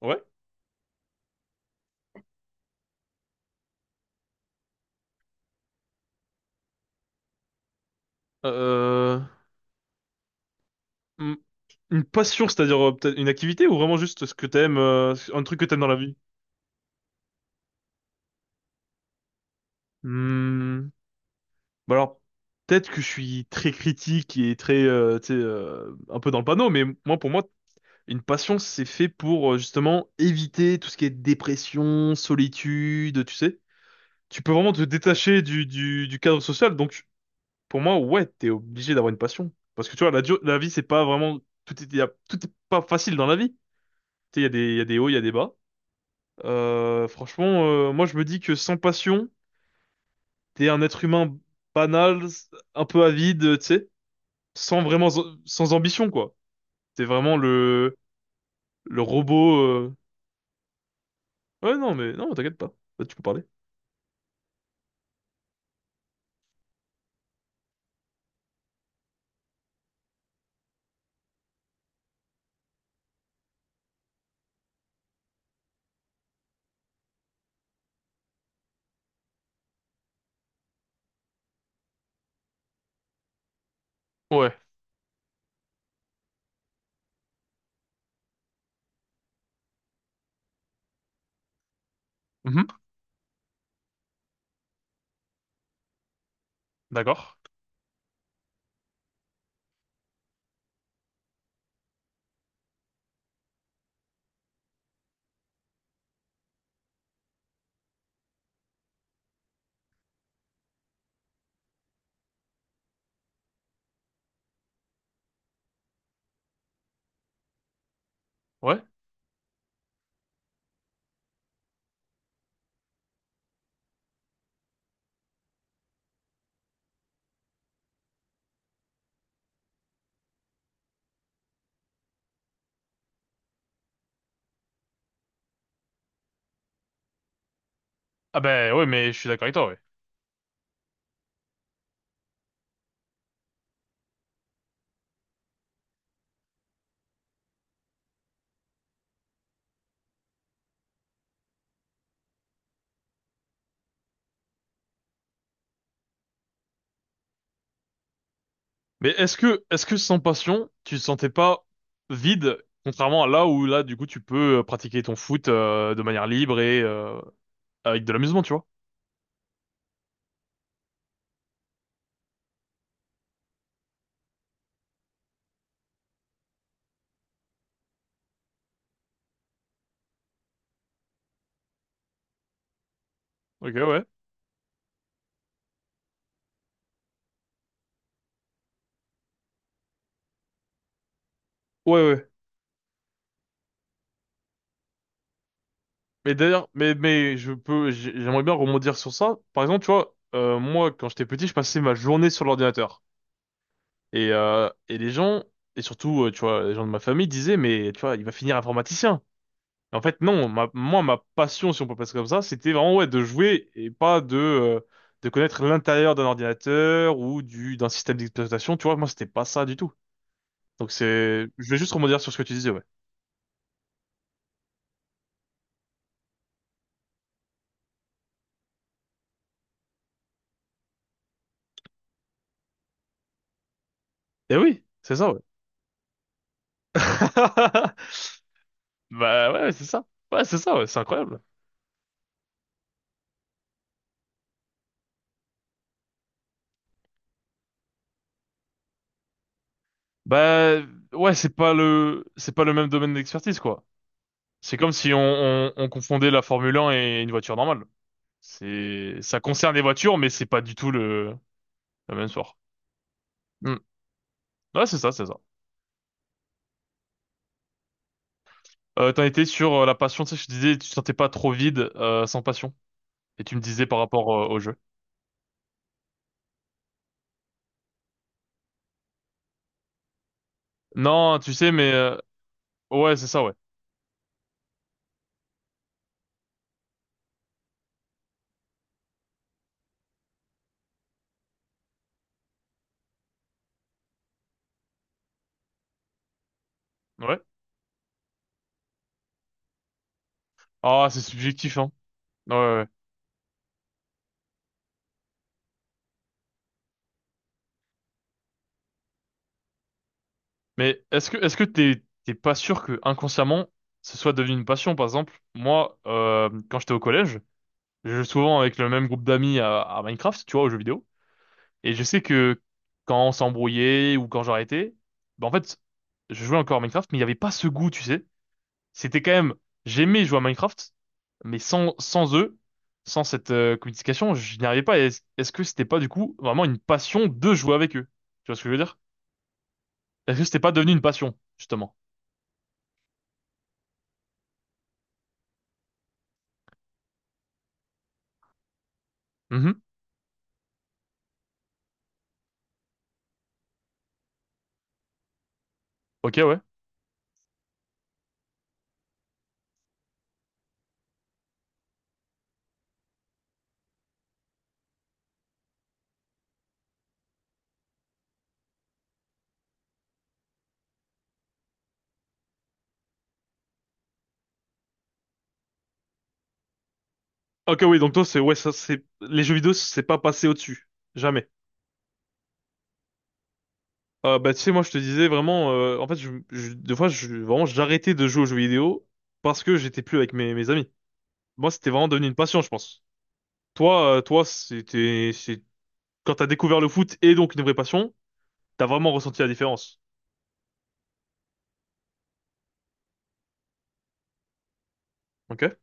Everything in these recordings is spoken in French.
Ouais. Euh, hmm, une passion, c'est-à-dire peut-être une activité ou vraiment juste ce que t'aimes, un truc que t'aimes dans la vie? Hmm, Bah alors, peut-être que je suis très critique et très, tu sais, un peu dans le panneau, mais moi, pour moi, une passion, c'est fait pour justement éviter tout ce qui est dépression, solitude, tu sais. Tu peux vraiment te détacher du cadre social, donc pour moi, ouais, t'es obligé d'avoir une passion. Parce que tu vois, la vie, c'est pas vraiment, tout est pas facile dans la vie. Tu sais, il y a des hauts, il y a des bas. Franchement, moi je me dis que sans passion, t'es un être humain banal, un peu avide, tu sais, sans vraiment, sans ambition quoi. T'es vraiment le robot. Ouais non mais non, t'inquiète pas. Là, tu peux parler. Ouais. Mhm. D'accord. Ouais. Ah ben ouais, mais je suis d'accord avec toi, ouais. Mais est-ce que sans passion, tu te sentais pas vide, contrairement à là où là du coup tu peux pratiquer ton foot de manière libre et avec de l'amusement, tu vois? Ok, ouais. Ouais ouais. Mais d'ailleurs, j'aimerais bien rebondir sur ça. Par exemple, tu vois, moi, quand j'étais petit, je passais ma journée sur l'ordinateur. Et, les gens, et surtout, tu vois, les gens de ma famille disaient, mais tu vois, il va finir informaticien. Et en fait, non, moi, ma passion, si on peut passer comme ça, c'était vraiment, ouais, de jouer et pas de, de connaître l'intérieur d'un ordinateur ou d'un système d'exploitation. Tu vois, moi, c'était pas ça du tout. Donc c'est, je vais juste rebondir sur ce que tu disais, ouais. Eh oui, c'est ça, ouais. Bah ouais, c'est ça. Ouais, c'est ça, ouais, c'est incroyable. Bah ouais, c'est pas le même domaine d'expertise quoi. C'est comme si on confondait la Formule 1 et une voiture normale. C'est ça concerne les voitures, mais c'est pas du tout le la même sport. Hmm. Ouais, c'est ça. T'en étais sur la passion, tu sais, je te disais, tu te sentais pas trop vide sans passion. Et tu me disais par rapport au jeu. Non, tu sais, mais ouais, c'est ça, ouais. Ouais. Ah, c'est subjectif, hein. Ouais, ouais, ouais. Mais est-ce que t'es pas sûr que inconsciemment ce soit devenu une passion, par exemple? Moi, quand j'étais au collège. Je joue souvent avec le même groupe d'amis à Minecraft, tu vois, aux jeux vidéo. Et je sais que quand on s'embrouillait ou quand j'arrêtais, bah en fait, je jouais encore à Minecraft, mais il n'y avait pas ce goût, tu sais. C'était quand même, j'aimais jouer à Minecraft, mais sans eux, sans cette communication, je n'y arrivais pas. Et est-ce que c'était pas du coup vraiment une passion de jouer avec eux? Tu vois ce que je veux dire? Est-ce que c'était pas devenu une passion, justement? Mhm. Ok, ouais. Ok, oui, donc toi, c'est ouais, ça, c'est les jeux vidéo, c'est pas passé au-dessus, jamais. Bah, tu sais, moi, je te disais vraiment, en fait, des fois, je, vraiment, j'arrêtais de jouer aux jeux vidéo parce que j'étais plus avec mes amis. Moi, c'était vraiment devenu une passion, je pense. Toi, toi, c'est, quand t'as découvert le foot et donc une vraie passion, t'as vraiment ressenti la différence. Ok?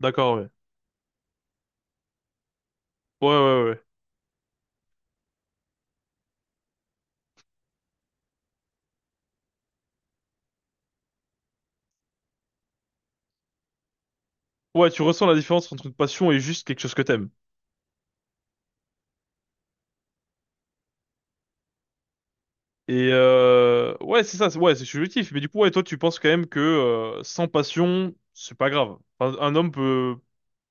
D'accord, ouais. Ouais, ouais, ouais. Ouais, tu ressens la différence entre une passion et juste quelque chose que t'aimes. Et, ouais, ouais, c'est subjectif. Mais du coup, ouais, toi, tu penses quand même que, sans passion, c'est pas grave. Un homme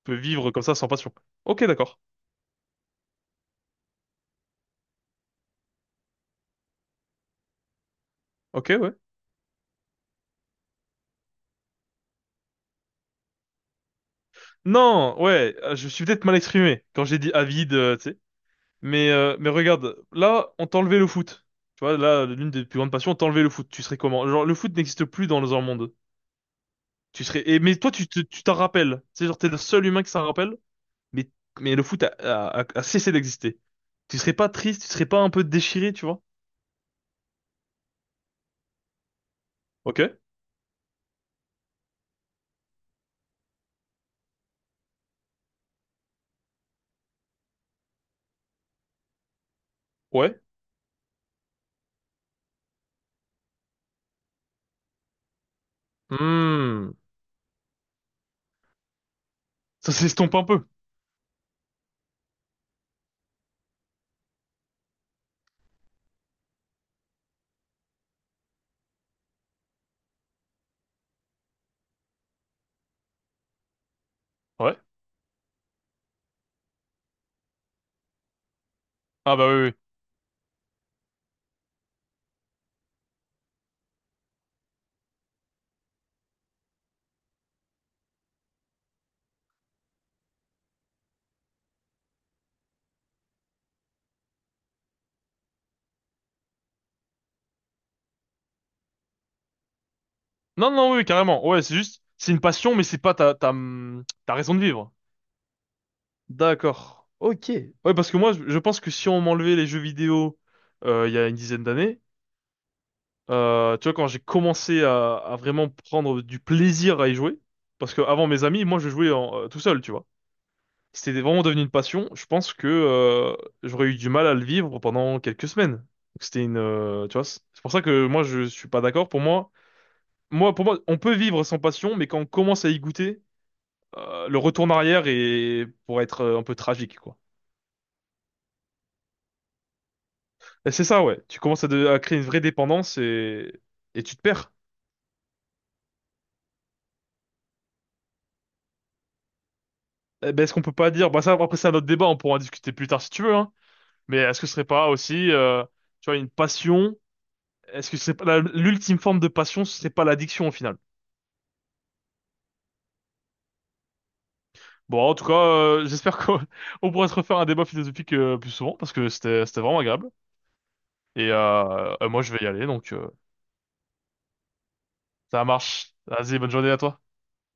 peut vivre comme ça sans passion. Ok, d'accord. Ok, ouais. Non, ouais, je me suis peut-être mal exprimé quand j'ai dit avide, tu sais. Mais regarde, là, on t'a enlevé le foot. Tu vois, là, l'une des plus grandes passions, on t'a enlevé le foot. Tu serais comment? Genre, le foot n'existe plus dans un monde. Tu serais. Et, mais toi, tu t'en rappelles. C'est genre, t'es le seul humain qui s'en rappelle. Mais, mais le foot a cessé d'exister. Tu serais pas triste, tu serais pas un peu déchiré, tu vois? Ok? Ouais. Hmm. Ça s'estompe un peu. Ouais. Ah bah oui, oui. Non, non, oui, carrément. Ouais, c'est juste, c'est une passion, mais c'est pas ta raison de vivre. D'accord. Ok. Ouais, parce que moi, je pense que si on m'enlevait les jeux vidéo il y a une dizaine d'années, tu vois, quand j'ai commencé à vraiment prendre du plaisir à y jouer, parce que avant mes amis, moi, je jouais tout seul, tu vois. C'était vraiment devenu une passion. Je pense que j'aurais eu du mal à le vivre pendant quelques semaines. Donc, c'était une, tu vois, c'est pour ça que moi, je suis pas d'accord. Pour moi, on peut vivre sans passion, mais quand on commence à y goûter, le retour en arrière est pour être un peu tragique, quoi. Et c'est ça, ouais. Tu commences à créer une vraie dépendance et tu te perds. Eh ben, est-ce qu'on peut pas dire, bah ça, après c'est un autre débat, on pourra en discuter plus tard si tu veux, hein. Mais est-ce que ce serait pas aussi, tu vois, une passion? Est-ce que c'est pas l'ultime forme de passion, ce serait pas l'addiction au final? Bon, en tout cas, j'espère qu'on on pourra se refaire un débat philosophique plus souvent parce que c'était vraiment agréable. Et moi, je vais y aller, donc ça marche. Vas-y, bonne journée à toi.